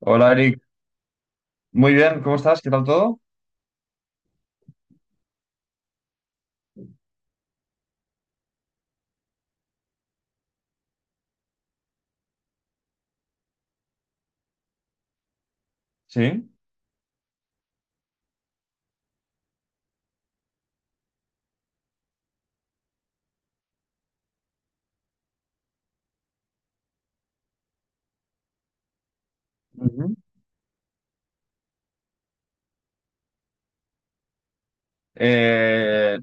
Hola Eric, muy bien, ¿cómo estás? ¿Qué tal todo? Sí. Ujú. Eh,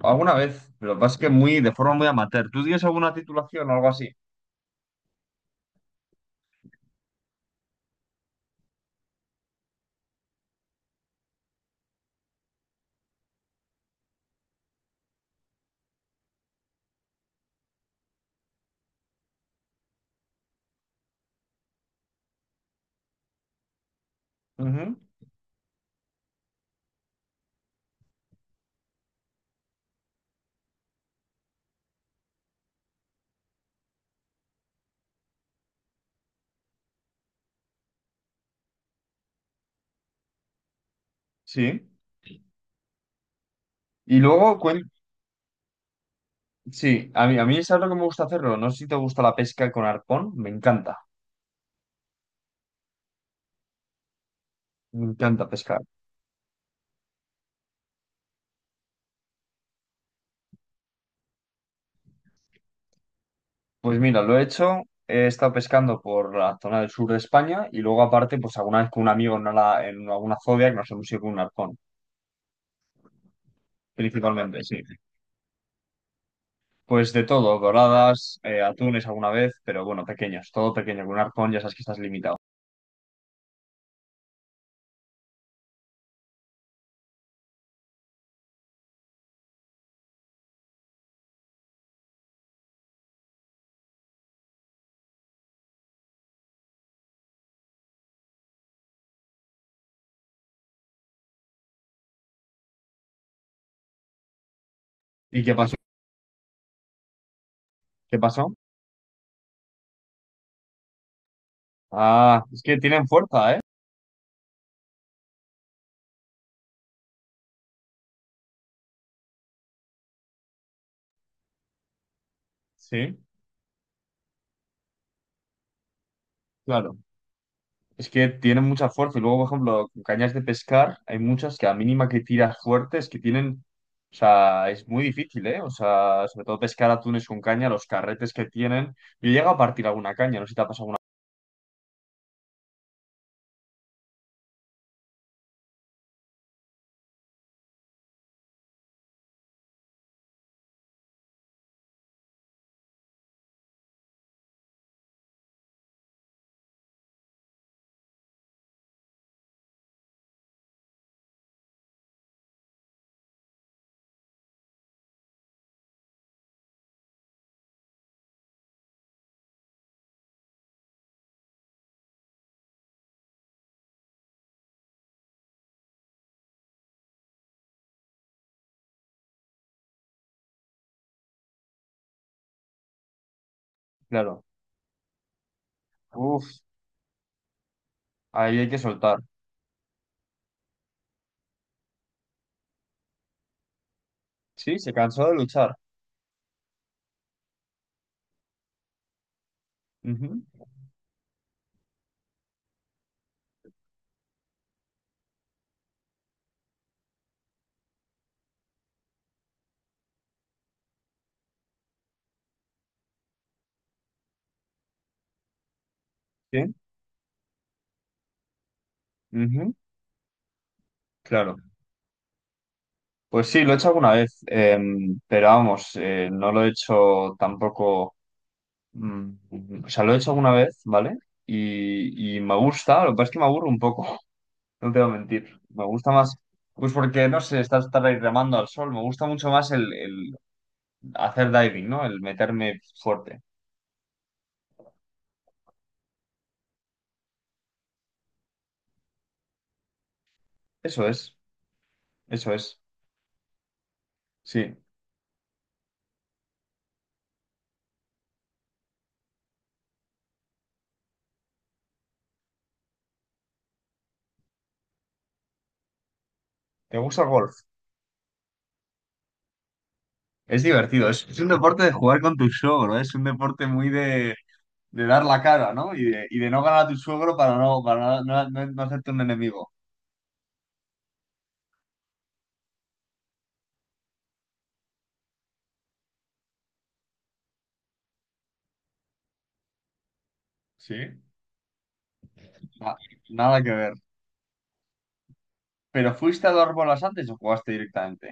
Alguna vez, pero lo que pasa es que de forma muy amateur. ¿Tú tienes alguna titulación o algo así? Ujú. Sí. Y luego, sí, a mí es algo que me gusta hacerlo. No sé si te gusta la pesca con arpón, me encanta pescar. Pues mira, he estado pescando por la zona del sur de España y luego aparte, pues alguna vez con un amigo en alguna zodia que nos hemos ido con un arpón, principalmente, sí. Pues de todo, doradas, atunes alguna vez, pero bueno, pequeños, todo pequeño, con un arpón ya sabes que estás limitado. ¿Y qué pasó? ¿Qué pasó? Ah, es que tienen fuerza, ¿eh? Sí, claro. Es que tienen mucha fuerza y luego, por ejemplo, con cañas de pescar hay muchas que a mínima que tiras fuerte es que tienen, o sea, es muy difícil, ¿eh? O sea, sobre todo pescar atunes con caña, los carretes que tienen. Yo llego a partir alguna caña, no sé si te ha pasado alguna. Claro. Uf, ahí hay que soltar. Sí, se cansó de luchar. Ujú. Sí. Ujú. Claro. Pues sí, lo he hecho alguna vez, pero vamos, no lo he hecho tampoco, o sea, lo he hecho alguna vez, ¿vale? Y me gusta, lo que pasa es que me aburro un poco. No te voy a mentir, me gusta más, pues porque, no sé, estás estar ahí remando al sol, me gusta mucho más el hacer diving, ¿no? El meterme fuerte. Eso es, eso es, sí. ¿Te gusta el golf? Es divertido, es un deporte de jugar con tu show, ¿no? Es un deporte muy de dar la cara, ¿no? Y de no ganar a tu suegro para no hacerte un enemigo. Sí. Na- nada que ver. ¿Pero fuiste a dos bolas antes o jugaste directamente?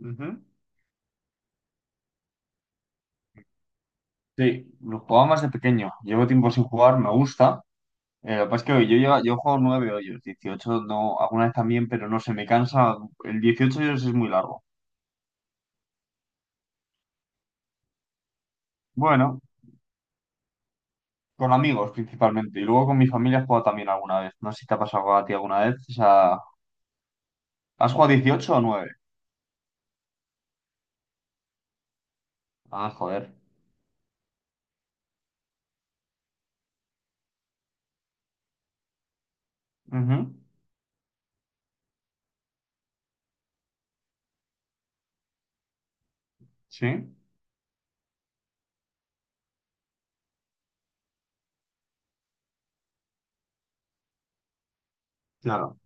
Ujú. Sí, lo jugaba más de pequeño. Llevo tiempo sin jugar, me gusta. Lo que pasa es que yo juego nueve hoyos, 18 no, alguna vez también, pero no sé, me cansa. El 18 hoyos es muy largo. Bueno, con amigos principalmente. Y luego con mi familia he jugado también alguna vez. No sé si te ha pasado a ti alguna vez. O sea, ¿has jugado 18 o nueve? Ah, joder. Ujú. Sí, claro,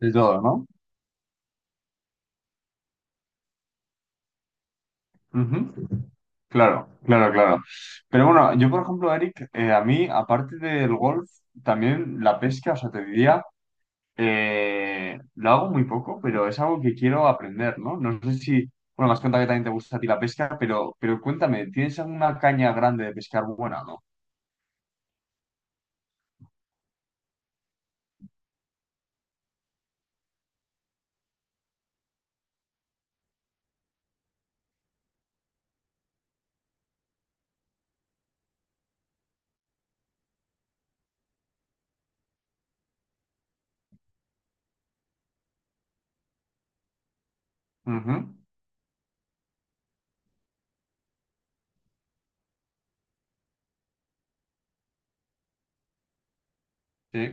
de todo, ¿no? Ujú. Claro, claro, claro. Pero bueno, yo por ejemplo, Eric, a mí, aparte del golf, también la pesca, o sea, te diría, lo hago muy poco, pero es algo que quiero aprender, ¿no? No sé si, bueno, me has contado que también te gusta a ti la pesca, pero cuéntame, ¿tienes alguna caña grande de pescar buena o no? Ujú. Sí.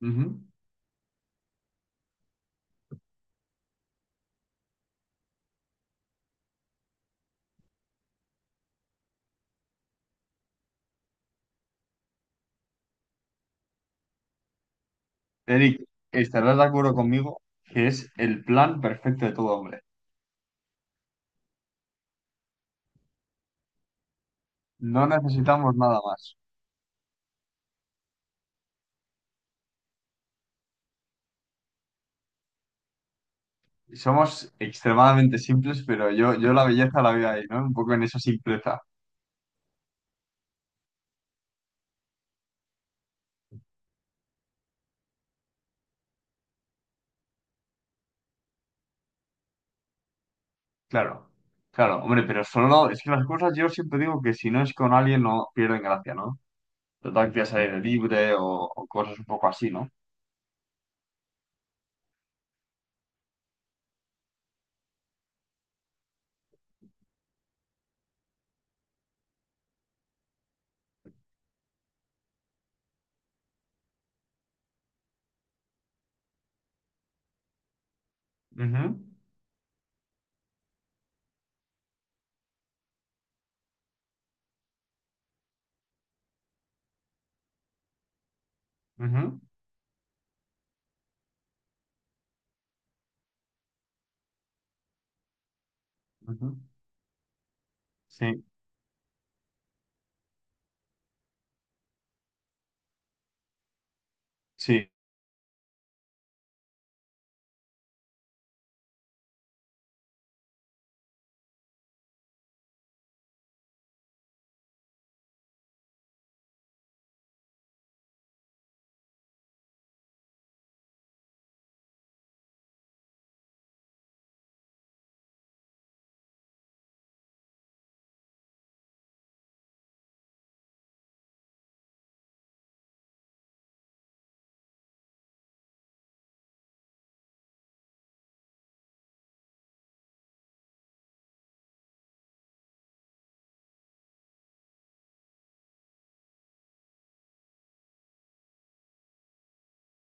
Ujú. Eric, estarás de acuerdo conmigo que es el plan perfecto de todo hombre. No necesitamos nada más. Somos extremadamente simples, pero yo la belleza la veo ahí, ¿no? Un poco en esa simpleza. Claro, claro, hombre, pero solo es que las cosas yo siempre digo que si no es con alguien no pierden gracia, ¿no? Total que al aire libre o cosas un poco así, ¿no? Ujú, ujú, ujú. Sí, sí.